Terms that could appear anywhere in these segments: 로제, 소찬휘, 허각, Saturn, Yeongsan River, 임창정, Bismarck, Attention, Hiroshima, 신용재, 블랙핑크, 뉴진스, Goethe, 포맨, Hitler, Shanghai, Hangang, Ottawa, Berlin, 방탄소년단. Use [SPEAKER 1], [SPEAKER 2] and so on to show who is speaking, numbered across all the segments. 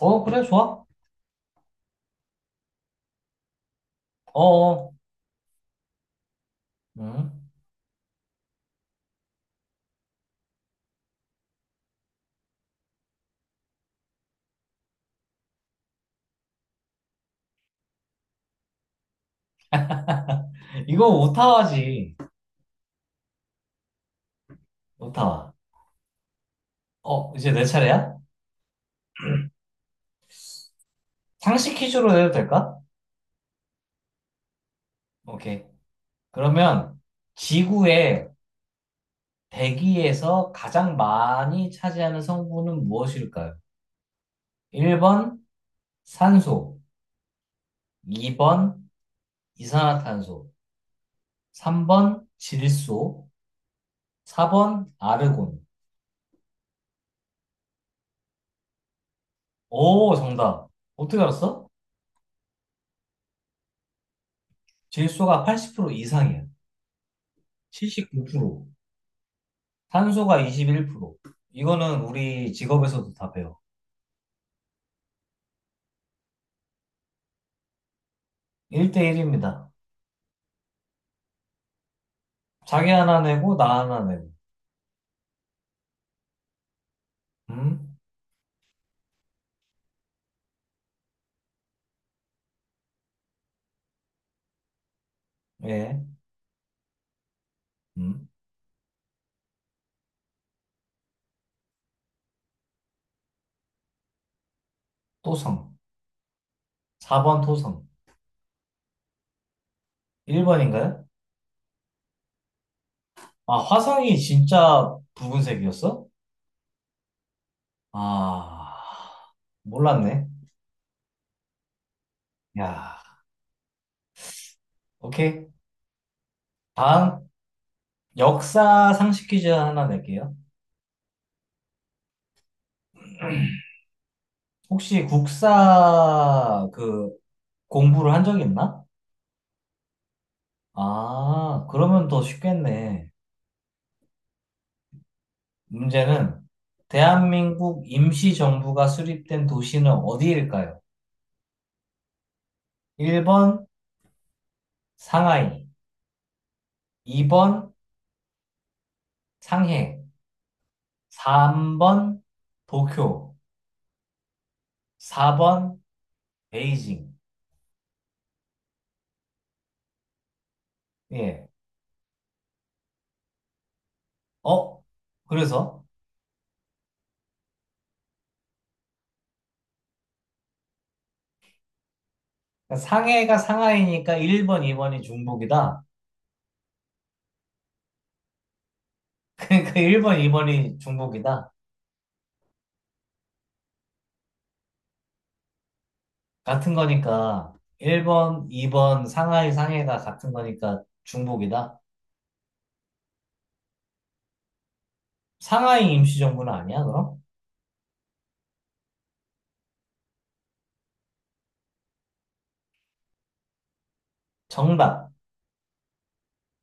[SPEAKER 1] 어, 그래, 좋아. 어, 어. 음. 이거 오타와지. 오타와. 어, 이제 내 차례야? 상식 퀴즈로 해도 될까? 오케이. 그러면 지구의 대기에서 가장 많이 차지하는 성분은 무엇일까요? 1번 산소, 2번 이산화탄소, 3번 질소, 4번 아르곤. 오, 정답. 어떻게 알았어? 질소가 80% 이상이야. 79%. 탄소가 21%. 이거는 우리 직업에서도 다 배워. 1대1입니다. 자기 하나 내고, 나 하나 내고. 음? 예. 음? 토성. 4번 토성. 1번인가요? 아, 화성이 진짜 붉은색이었어? 아, 몰랐네. 야, 오케이. 다음, 역사 상식 퀴즈 하나 낼게요. 혹시 국사 그 공부를 한 적이 있나? 아, 그러면 더 쉽겠네. 문제는 대한민국 임시정부가 수립된 도시는 어디일까요? 1번 상하이, 2번 상해, 3번 도쿄, 4번 베이징. 예. 어? 그래서 상해가 상하이니까 1번, 2번이 중복이다. 그러니까 1번, 2번이 중복이다. 같은 거니까 1번, 2번 상하이, 상해가 같은 거니까 중복이다. 상하이 임시정부는 아니야, 그럼? 정답.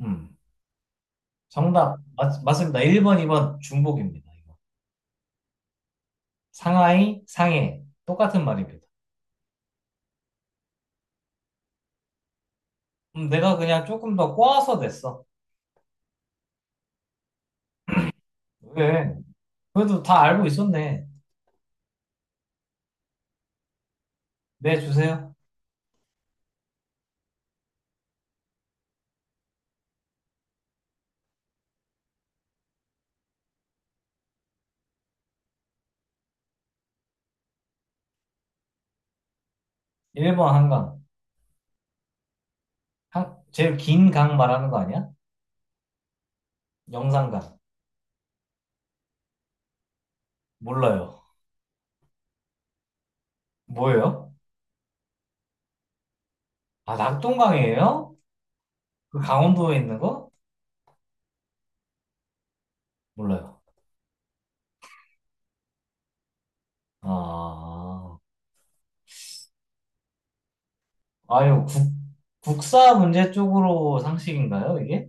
[SPEAKER 1] 음. 정답. 맞습니다. 1번, 2번 중복입니다. 이거. 상하이, 상해. 똑같은 말입니다. 내가 그냥 조금 더 꼬아서 냈어. 왜? 그래도 다 알고 있었네. 네, 주세요. 1번 한강. 제일 긴 강 말하는 거 아니야? 영산강. 몰라요. 뭐예요? 아, 낙동강이에요? 그 강원도에 있는 거? 몰라요. 아, 아유, 국사 문제 쪽으로 상식인가요, 이게?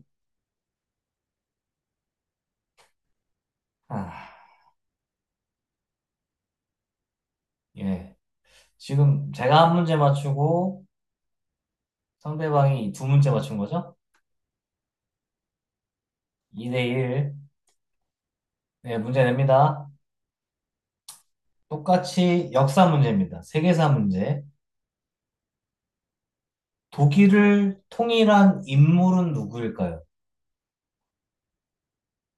[SPEAKER 1] 아, 예. 지금 제가 한 문제 맞추고 상대방이 두 문제 맞춘 거죠? 2대 1. 네, 문제 냅니다. 똑같이 역사 문제입니다. 세계사 문제. 독일을 통일한 인물은 누구일까요?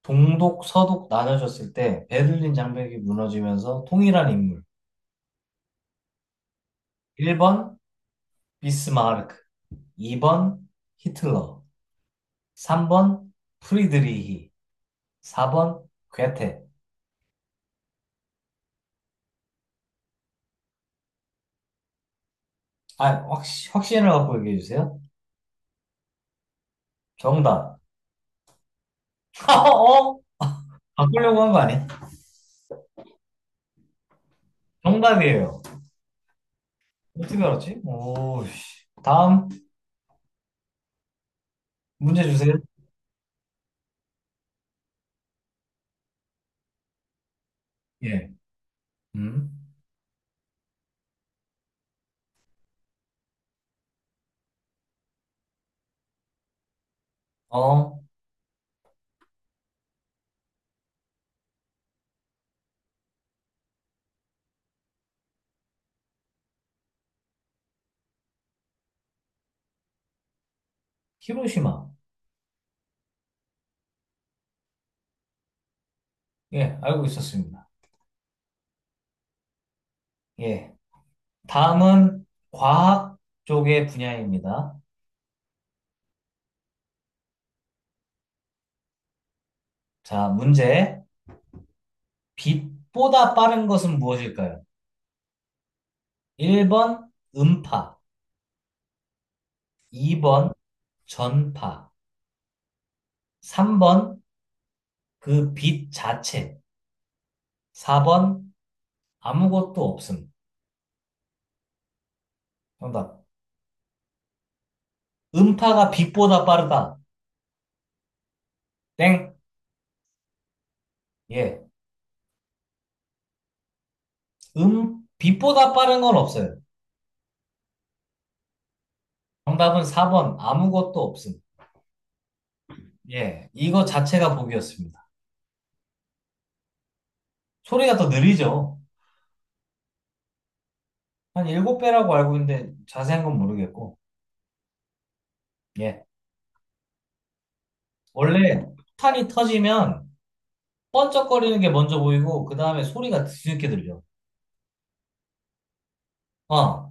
[SPEAKER 1] 동독, 서독 나눠졌을 때 베를린 장벽이 무너지면서 통일한 인물. 1번 비스마르크, 2번 히틀러, 3번 프리드리히, 4번 괴테. 아, 확신을 갖고 얘기해 주세요. 정답. 어? 바꾸려고 한 거 아니야? 정답이에요. 어떻게 알았지? 오, 씨. 다음 문제 주세요. 예. 음. 어, 히로시마. 예, 알고 있었습니다. 예. 다음은 과학 쪽의 분야입니다. 자, 문제. 빛보다 빠른 것은 무엇일까요? 1번 음파, 2번 전파, 3번 그 빛 자체, 4번 아무것도 없음. 정답. 음파가 빛보다 빠르다. 땡. 예. 빛보다 빠른 건 없어요. 정답은 4번, 아무것도 없음. 예. 이거 자체가 복이었습니다. 소리가 더 느리죠? 한 일곱 배라고 알고 있는데 자세한 건 모르겠고. 예. 원래 폭탄이 터지면 번쩍거리는 게 먼저 보이고, 그 다음에 소리가 뒤늦게 들려. 어.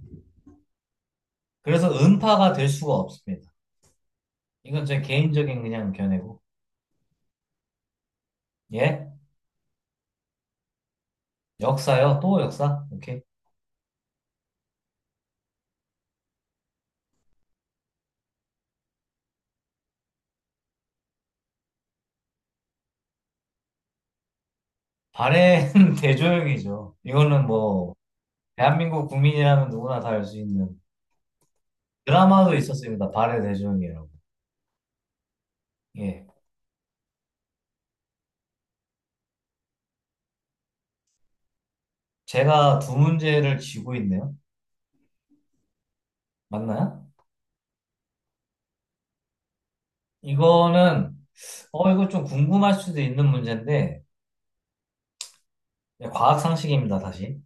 [SPEAKER 1] 그래서 음파가 될 수가 없습니다. 이건 제 개인적인 그냥 견해고. 예. 역사요? 또 역사? 오케이. 발해는 대조영이죠. 이거는 뭐, 대한민국 국민이라면 누구나 다 알 수 있는 드라마도 있었습니다. 발의 대전이라고. 예. 제가 두 문제를 쥐고 있네요. 맞나요? 이거는, 이거 좀 궁금할 수도 있는 문제인데, 예, 과학 상식입니다, 다시.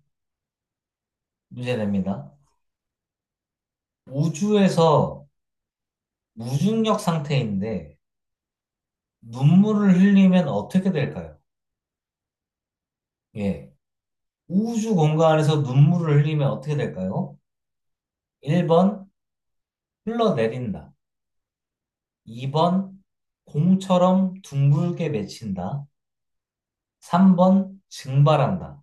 [SPEAKER 1] 문제 됩니다. 우주에서 무중력 상태인데, 눈물을 흘리면 어떻게 될까요? 예. 우주 공간에서 눈물을 흘리면 어떻게 될까요? 1번, 흘러내린다. 2번 공처럼 둥글게 맺힌다. 3번 증발한다.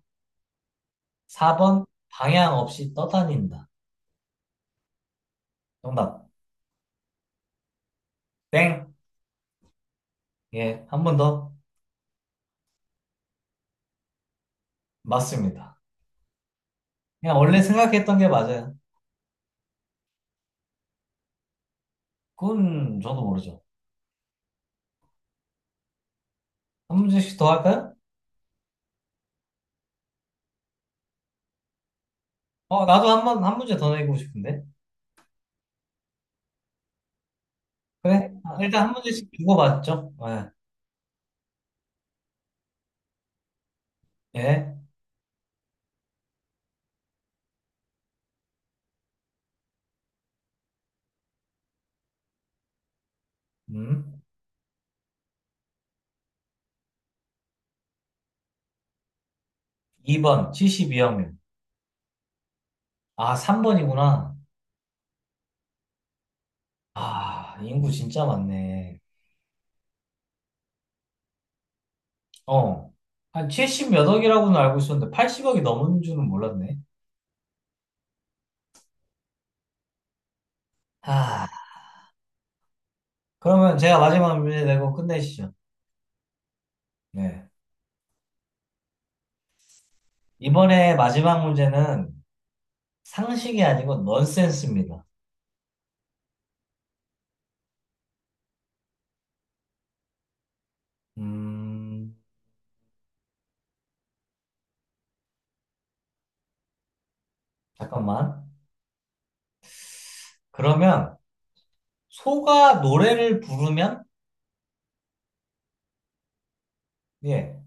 [SPEAKER 1] 4번 방향 없이 떠다닌다. 정답. 땡. 예, 한 번 더. 맞습니다. 그냥 원래 생각했던 게 맞아요. 그건 저도 모르죠. 한 문제씩 더 할까요? 어, 나도 한 문제 더 내고 싶은데. 그래. 아, 일단 한 문제씩 주고받죠. 예. 예. 음. 2번, 72억 명. 아, 3번이구나. 아, 인구 진짜 많네. 어. 한 70 몇 억이라고는 알고 있었는데 80억이 넘은 줄은 몰랐네. 아, 그러면 제가 마지막 문제 내고 끝내시죠. 네. 이번에 마지막 문제는 상식이 아니고 넌센스입니다. 음, 잠깐만. 그러면 소가 노래를 부르면 예,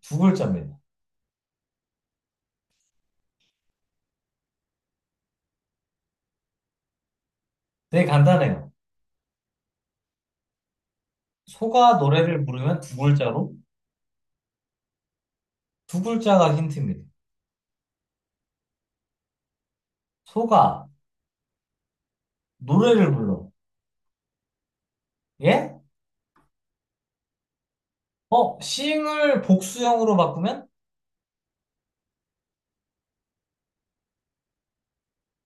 [SPEAKER 1] 두 글자입니다. 되게 간단해요. 소가 노래를 부르면 두 글자가 힌트입니다. 소가 노래를 불러. 예? 어, 싱을 복수형으로 바꾸면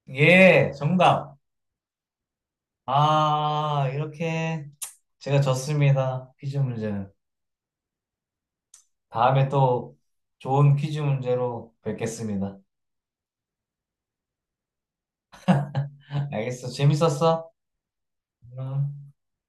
[SPEAKER 1] 예, 정답. 아, 이렇게 제가 졌습니다. 퀴즈 문제는. 다음에 또 좋은 퀴즈 문제로 뵙겠습니다. 알겠어. 재밌었어? 음.